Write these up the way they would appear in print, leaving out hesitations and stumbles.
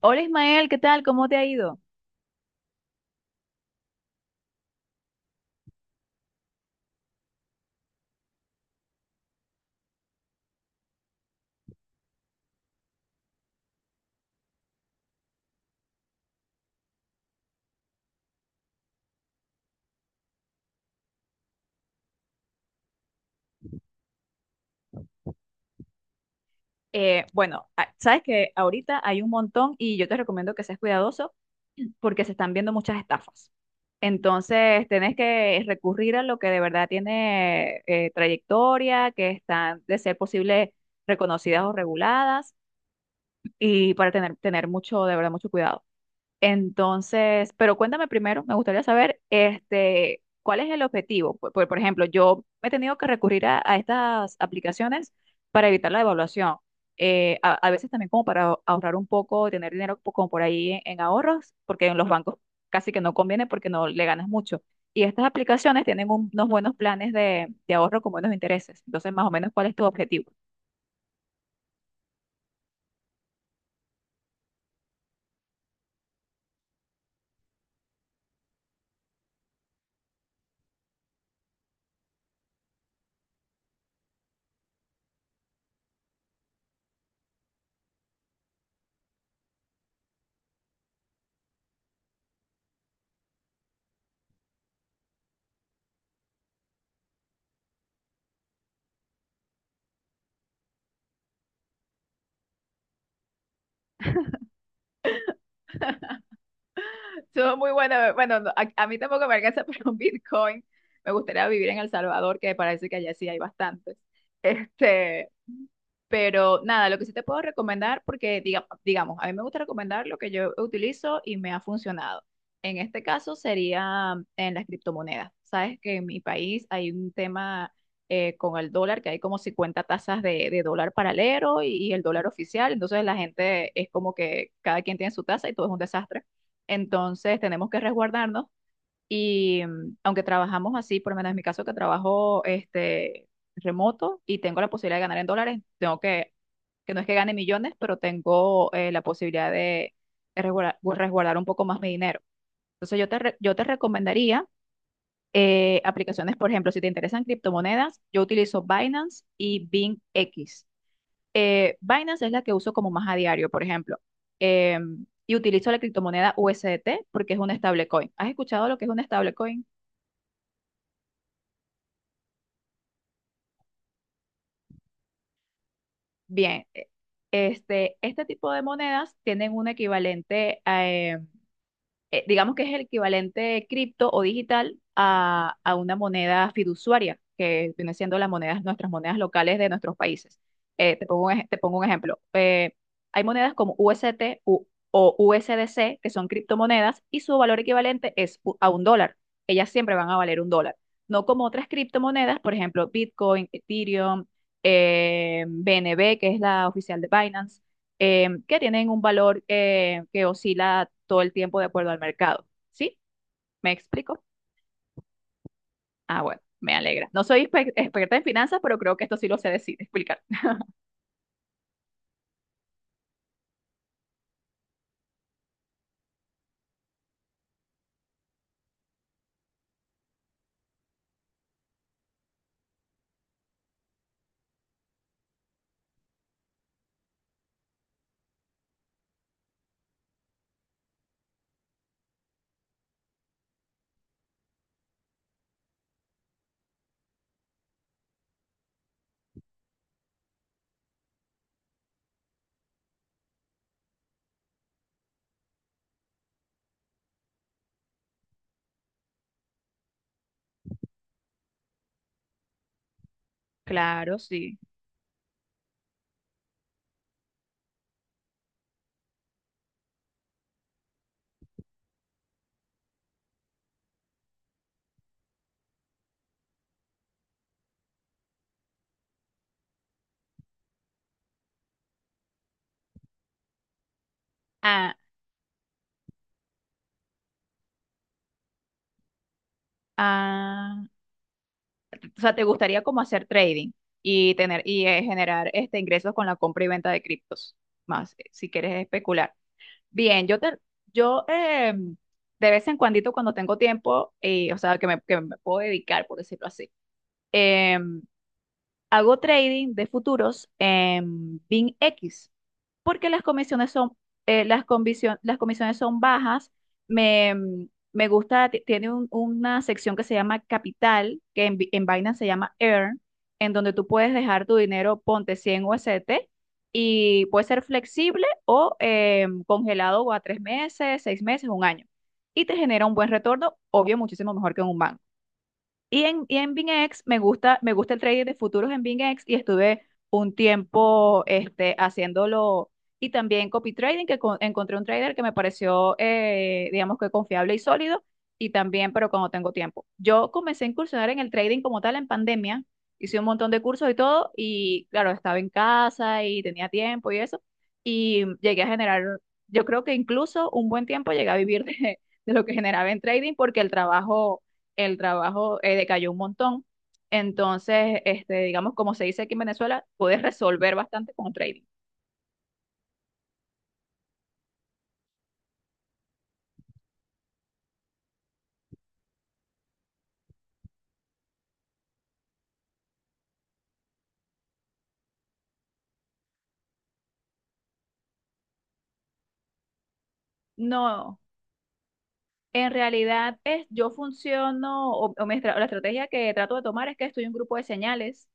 Hola Ismael, ¿qué tal? ¿Cómo te ha ido? Sabes que ahorita hay un montón y yo te recomiendo que seas cuidadoso porque se están viendo muchas estafas. Entonces, tenés que recurrir a lo que de verdad tiene trayectoria, que están de ser posible reconocidas o reguladas y para tener mucho, de verdad, mucho cuidado. Entonces, pero cuéntame primero, me gustaría saber, este, ¿cuál es el objetivo? Por ejemplo, yo he tenido que recurrir a estas aplicaciones para evitar la devaluación. A veces también como para ahorrar un poco, tener dinero como por ahí en ahorros, porque en los bancos casi que no conviene porque no le ganas mucho. Y estas aplicaciones tienen unos buenos planes de ahorro con buenos intereses. Entonces, más o menos, ¿cuál es tu objetivo? Estuvo muy bueno. Bueno, no, a mí tampoco me alcanza para un Bitcoin. Me gustaría vivir en El Salvador, que me parece que allá sí hay bastantes. Este, pero nada, lo que sí te puedo recomendar, porque digamos, a mí me gusta recomendar lo que yo utilizo y me ha funcionado. En este caso sería en las criptomonedas. Sabes que en mi país hay un tema con el dólar, que hay como 50 tasas de dólar paralelo y el dólar oficial. Entonces la gente es como que cada quien tiene su tasa y todo es un desastre. Entonces tenemos que resguardarnos y aunque trabajamos así, por lo menos en mi caso que trabajo este, remoto y tengo la posibilidad de ganar en dólares, tengo que no es que gane millones, pero tengo la posibilidad de resguardar, un poco más mi dinero. Entonces yo te recomendaría aplicaciones, por ejemplo, si te interesan criptomonedas, yo utilizo Binance y BingX. Binance es la que uso como más a diario, por ejemplo, eh, y utilizo la criptomoneda USDT porque es un stablecoin. ¿Has escuchado lo que es un stablecoin? Bien, este, este tipo de monedas tienen un equivalente digamos que es el equivalente cripto o digital a una moneda fiduciaria, que viene siendo las monedas, nuestras monedas locales de nuestros países. Te pongo un ejemplo. Hay monedas como UST o USDC, que son criptomonedas, y su valor equivalente es a un dólar. Ellas siempre van a valer un dólar. No como otras criptomonedas, por ejemplo, Bitcoin, Ethereum, BNB, que es la oficial de Binance que tienen un valor que oscila todo el tiempo de acuerdo al mercado. ¿Sí? ¿Me explico? Ah, bueno, me alegra. No soy experta en finanzas, pero creo que esto sí lo sé decir, explicar. Claro, sí. Ah, ah, o sea, ¿te gustaría como hacer trading y tener y generar este ingresos con la compra y venta de criptos? Más, si quieres especular. Bien, yo de vez en cuando, cuando tengo tiempo, o sea, que me puedo dedicar, por decirlo así. em, Hago trading de futuros en BINX porque las comisiones son, las comisiones son bajas. Me, mm, Me gusta, tiene una sección que se llama Capital, que en Binance se llama Earn, en donde tú puedes dejar tu dinero, ponte 100 USDT, y puede ser flexible o congelado o a tres meses, seis meses, un año. Y te genera un buen retorno, obvio, muchísimo mejor que en un banco. Y en BingX me gusta el trading de futuros en BingX y estuve un tiempo este, haciéndolo y también copy trading, que encontré un trader que me pareció, digamos que confiable y sólido y también, pero cuando tengo tiempo. Yo comencé a incursionar en el trading como tal en pandemia, hice un montón de cursos y todo y claro, estaba en casa y tenía tiempo y eso y llegué a generar, yo creo que incluso un buen tiempo llegué a vivir de lo que generaba en trading porque el trabajo decayó un montón. Entonces, este, digamos, como se dice aquí en Venezuela, puedes resolver bastante con trading. No, en realidad es, yo funciono, o la estrategia que trato de tomar es que estoy en un grupo de señales.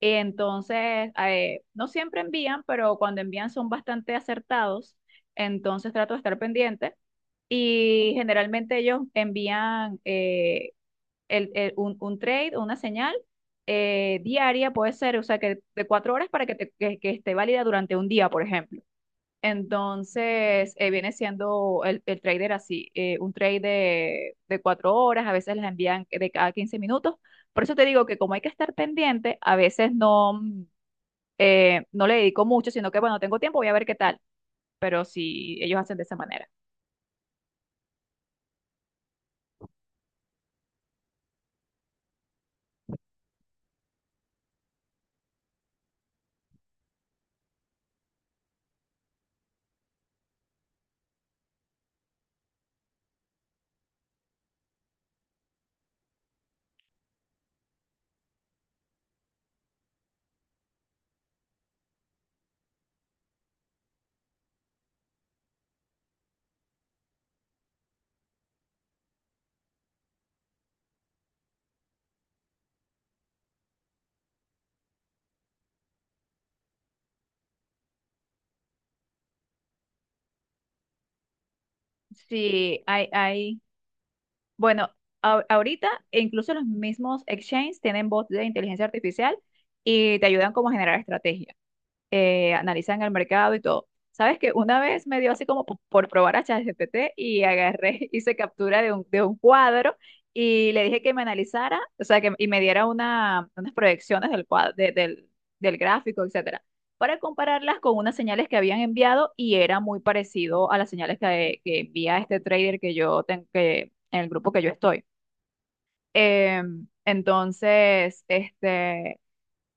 Entonces, no siempre envían, pero cuando envían son bastante acertados. Entonces trato de estar pendiente. Y generalmente ellos envían, un trade, una señal diaria puede ser, o sea, que de 4 horas para que, que esté válida durante un día, por ejemplo. Entonces, viene siendo el trader así, un trade de 4 horas, a veces les envían de cada 15 minutos. Por eso te digo que como hay que estar pendiente, a veces no le dedico mucho, sino que, bueno, tengo tiempo, voy a ver qué tal. Pero si ellos hacen de esa manera. Sí, hay Bueno, ahorita e incluso los mismos exchanges tienen bots de inteligencia artificial y te ayudan como a generar estrategias analizan el mercado y todo. Sabes que una vez me dio así como por probar a ChatGPT y agarré, hice captura de un cuadro y le dije que me analizara, o sea, que, y me diera una, unas proyecciones del cuadro, del, del gráfico, etcétera, para compararlas con unas señales que habían enviado y era muy parecido a las señales que envía este trader que yo tengo, que, en el grupo que yo estoy. Entonces, este,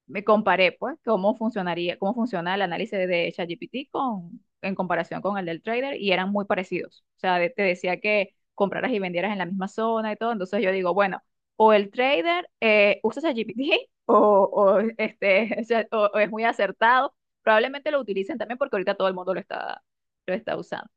me comparé, pues, cómo funcionaría, cómo funciona el análisis de ChatGPT con, en comparación con el del trader y eran muy parecidos. O sea, te decía que compraras y vendieras en la misma zona y todo. Entonces yo digo, bueno, o el trader usa ChatGPT o, este, o es muy acertado. Probablemente lo utilicen también porque ahorita todo el mundo lo está usando.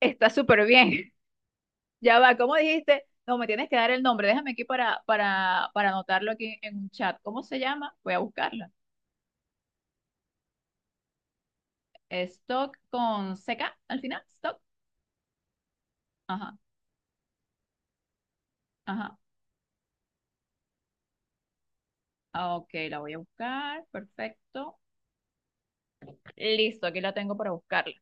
Está súper bien. Ya va, ¿cómo dijiste? No, me tienes que dar el nombre. Déjame aquí para anotarlo aquí en un chat. ¿Cómo se llama? Voy a buscarlo. Stock con CK al final. Stock. Ajá, ajá. Ah, ok, la voy a buscar. Perfecto. Listo, aquí la tengo para buscarla.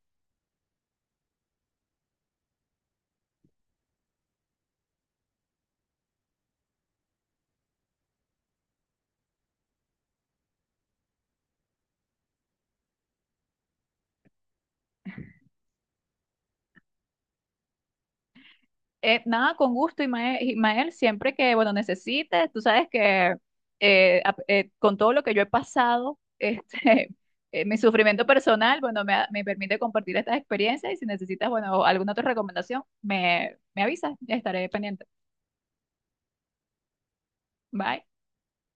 Nada, con gusto, Imael, siempre que, bueno, necesites, tú sabes que con todo lo que yo he pasado, este, mi sufrimiento personal, bueno, me permite compartir estas experiencias y si necesitas, bueno, alguna otra recomendación, me avisas, estaré pendiente. Bye.